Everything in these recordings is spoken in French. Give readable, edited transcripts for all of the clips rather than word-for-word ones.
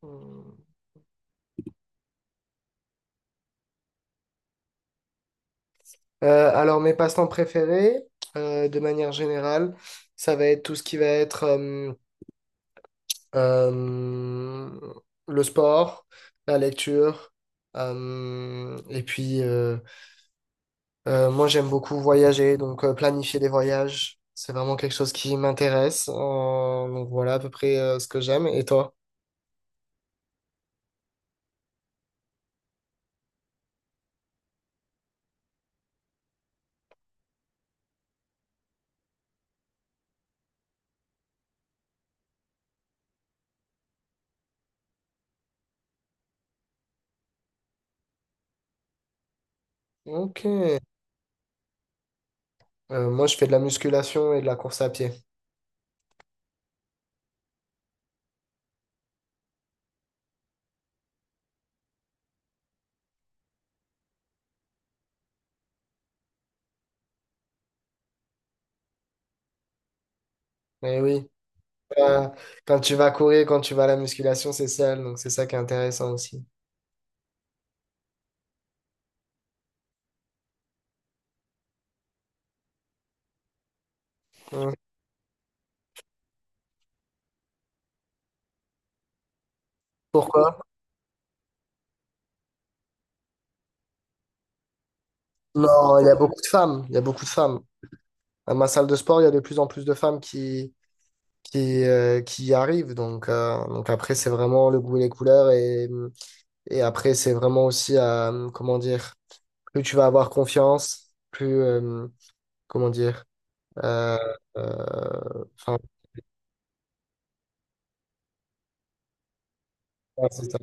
Hmm. Mes passe-temps préférés, de manière générale, ça va être tout ce qui va être euh, le sport, la lecture, et puis, moi, j'aime beaucoup voyager, donc planifier des voyages, c'est vraiment quelque chose qui m'intéresse. Donc voilà à peu près ce que j'aime. Et toi? Ok. Moi, je fais de la musculation et de la course à pied. Mais oui, euh, quand tu vas courir, quand tu vas à la musculation, c'est sale, donc c'est ça qui est intéressant aussi. Hum. Pourquoi? Non, il y a beaucoup de femmes, il y a beaucoup de femmes. À ma salle de sport, il y a de plus en plus de femmes qui y arrivent, donc après, c'est vraiment le goût et les couleurs et après, c'est vraiment aussi à, comment dire, plus tu vas avoir confiance, comment dire, euh, euh, enfin, ouais, c'est ça.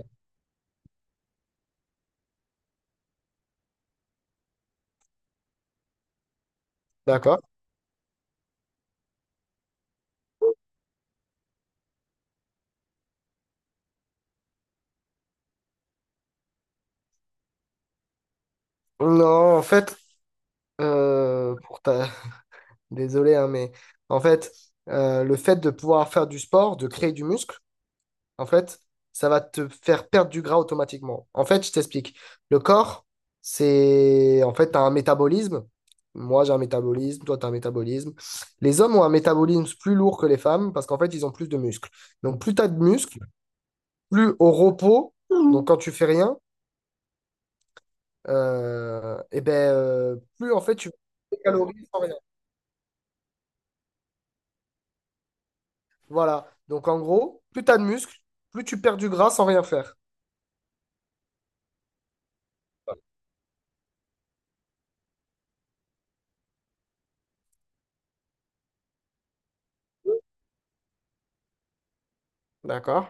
D'accord. Non, en fait, pour ta... désolé, hein, mais en fait, le fait de pouvoir faire du sport, de créer du muscle, en fait, ça va te faire perdre du gras automatiquement. En fait, je t'explique. Le corps, c'est... En fait, tu as un métabolisme. Moi, j'ai un métabolisme, toi, tu as un métabolisme. Les hommes ont un métabolisme plus lourd que les femmes parce qu'en fait, ils ont plus de muscles. Donc, plus tu as de muscles, plus au repos, donc quand tu fais rien, eh ben, plus en fait, tu perds des calories sans rien. Voilà. Donc, en gros, plus tu as de muscles, plus tu perds du gras sans rien faire. D'accord?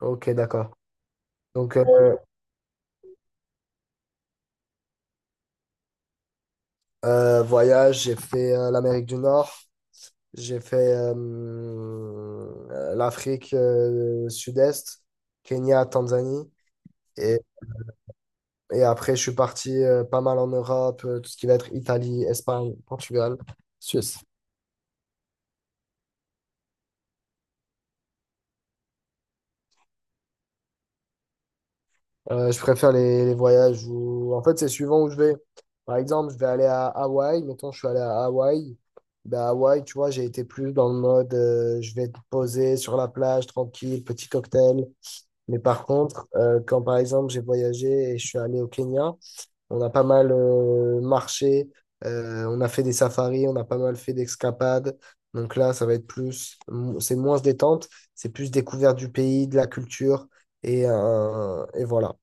Ok, d'accord. Donc, euh, voyage, j'ai fait l'Amérique du Nord, j'ai fait l'Afrique Sud-Est, Kenya, Tanzanie. Et, et après, je suis parti pas mal en Europe, tout ce qui va être Italie, Espagne, Portugal, Suisse. Je préfère les voyages où, en fait, c'est suivant où je vais. Par exemple, je vais aller à Hawaï. Mettons, je suis allé à Hawaï. Ben, à Hawaï, tu vois, j'ai été plus dans le mode, je vais te poser sur la plage, tranquille, petit cocktail. Mais par contre, quand par exemple j'ai voyagé et je suis allé au Kenya, on a pas mal marché, on a fait des safaris, on a pas mal fait d'escapades. Donc là, ça va être plus, c'est moins détente, c'est plus découverte du pays, de la culture et voilà.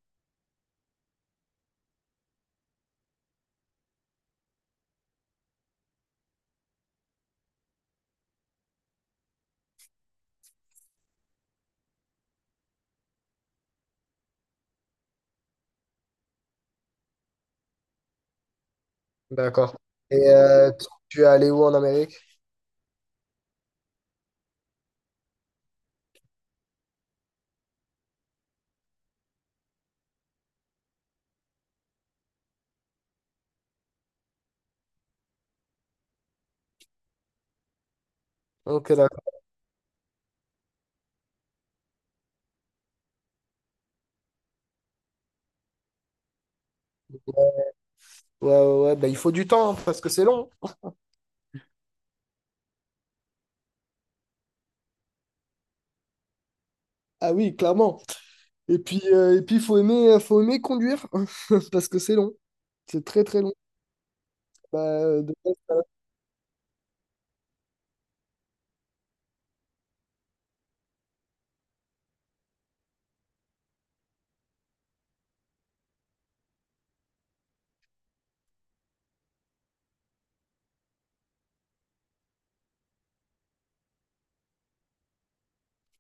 D'accord. Et tu es allé où en Amérique? Ok, d'accord. Ouais, ouais, ouais. Bah, il faut du temps hein, parce que c'est long. Ah oui, clairement. Et puis, faut aimer conduire parce que c'est long. C'est très, très long. Bah, de-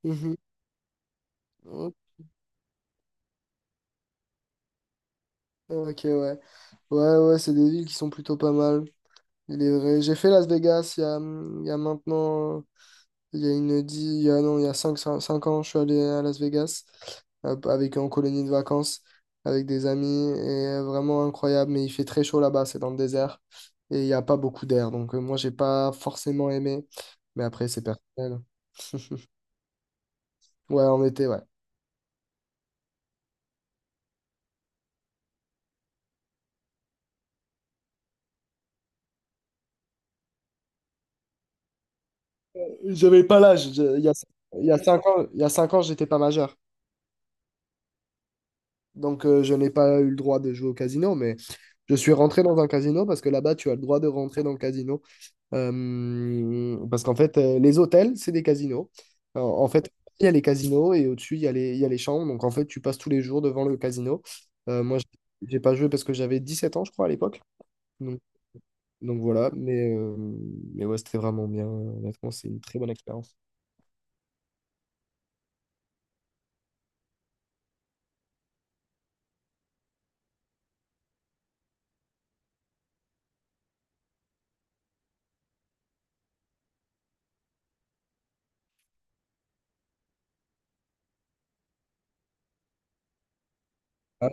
Mhm. Ok, ok, ouais. Ouais, ouais, c'est des villes qui sont plutôt pas mal. Il est vrai. J'ai fait Las Vegas il y a maintenant, il y a une dix, il y a, non, il y a cinq ans, je suis allé à Las Vegas avec en colonie de vacances, avec des amis, et vraiment incroyable. Mais il fait très chaud là-bas, c'est dans le désert, et il n'y a pas beaucoup d'air. Donc moi, j'ai pas forcément aimé, mais après, c'est personnel. Ouais, en été, ouais. J'avais pas l'âge. Il y a 5 ans, il y a cinq ans, j'étais pas majeur. Donc, je n'ai pas eu le droit de jouer au casino, mais je suis rentré dans un casino parce que là-bas, tu as le droit de rentrer dans le casino. Parce qu'en fait, les hôtels, c'est des casinos. En fait, il y a les casinos et au-dessus, il y a les chambres. Donc, en fait, tu passes tous les jours devant le casino. Moi, j'ai pas joué parce que j'avais 17 ans, je crois, à l'époque. Donc, donc, voilà, mais ouais, c'était vraiment bien. Honnêtement, c'est une très bonne expérience. Ah,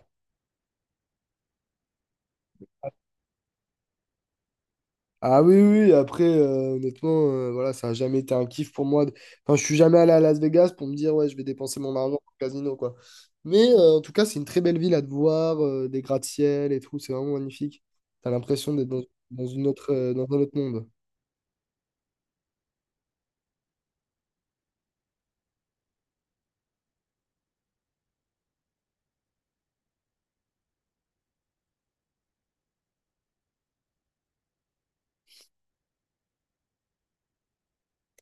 ah oui, oui, oui, après, honnêtement, voilà, ça n'a jamais été un kiff pour moi. Enfin, je suis jamais allé à Las Vegas pour me dire, ouais, je vais dépenser mon argent au casino, quoi. Mais en tout cas, c'est une très belle ville à te voir, des gratte-ciel et tout, c'est vraiment magnifique. T'as l'impression d'être dans, dans une autre, dans un autre monde.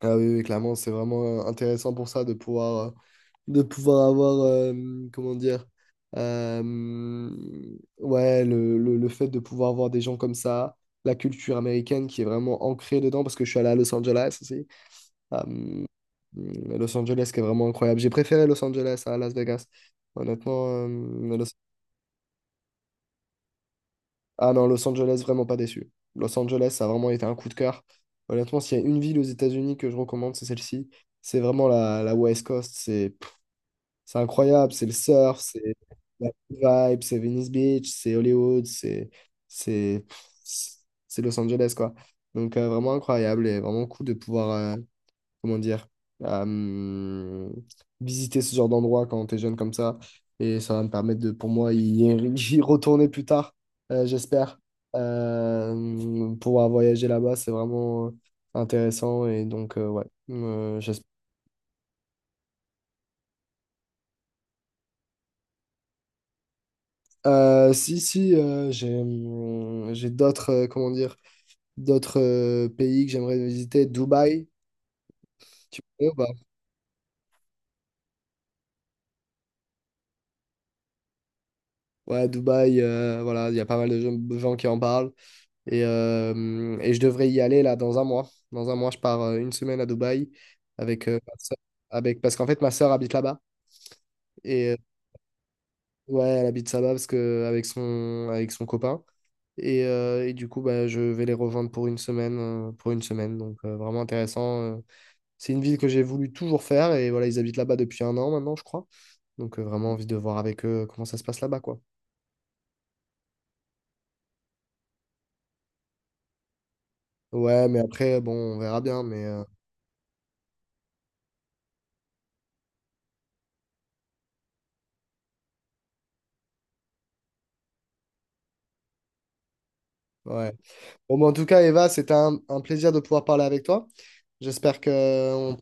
Ah oui, oui, clairement, c'est vraiment intéressant pour ça de pouvoir avoir, comment dire, euh, ouais, le fait de pouvoir avoir des gens comme ça, la culture américaine qui est vraiment ancrée dedans, parce que je suis allé à Los Angeles aussi. Euh, Los Angeles qui est vraiment incroyable. J'ai préféré Los Angeles à Las Vegas. Honnêtement, Los ah non, Los Angeles, vraiment pas déçu. Los Angeles, ça a vraiment été un coup de cœur. Honnêtement, s'il y a une ville aux États-Unis que je recommande, c'est celle-ci. C'est vraiment la, la West Coast. C'est pff, c'est incroyable. C'est le surf, c'est la vibe, c'est Venice Beach, c'est Hollywood, c'est pff, c'est Los Angeles, quoi. Donc, vraiment incroyable et vraiment cool de pouvoir. Comment dire, euh, visiter ce genre d'endroit quand t'es jeune comme ça. Et ça va me permettre de, pour moi, y, y retourner plus tard, j'espère. Pouvoir voyager là-bas, c'est vraiment intéressant. Et donc, ouais, j'espère. Si, si, j'ai d'autres, comment dire, d'autres pays que j'aimerais visiter. Dubaï, tu connais ou pas? Ouais, Dubaï, voilà, il y a pas mal de gens qui en parlent. Et je devrais y aller là dans un mois. Dans un mois, je pars une semaine à Dubaï avec, avec parce qu'en fait ma sœur habite là-bas et ouais, elle habite là-bas parce que avec son copain et du coup bah, je vais les rejoindre pour une semaine donc vraiment intéressant. C'est une ville que j'ai voulu toujours faire et voilà ils habitent là-bas depuis un an maintenant je crois donc vraiment envie de voir avec eux comment ça se passe là-bas quoi. Ouais mais après bon on verra bien mais ouais. Bon, mais en tout cas, Eva, c'était un plaisir de pouvoir parler avec toi. J'espère que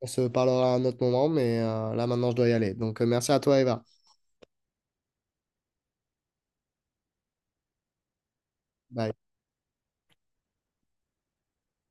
on se parlera à un autre moment, mais là maintenant, je dois y aller. Donc, merci à toi, Eva. Bye.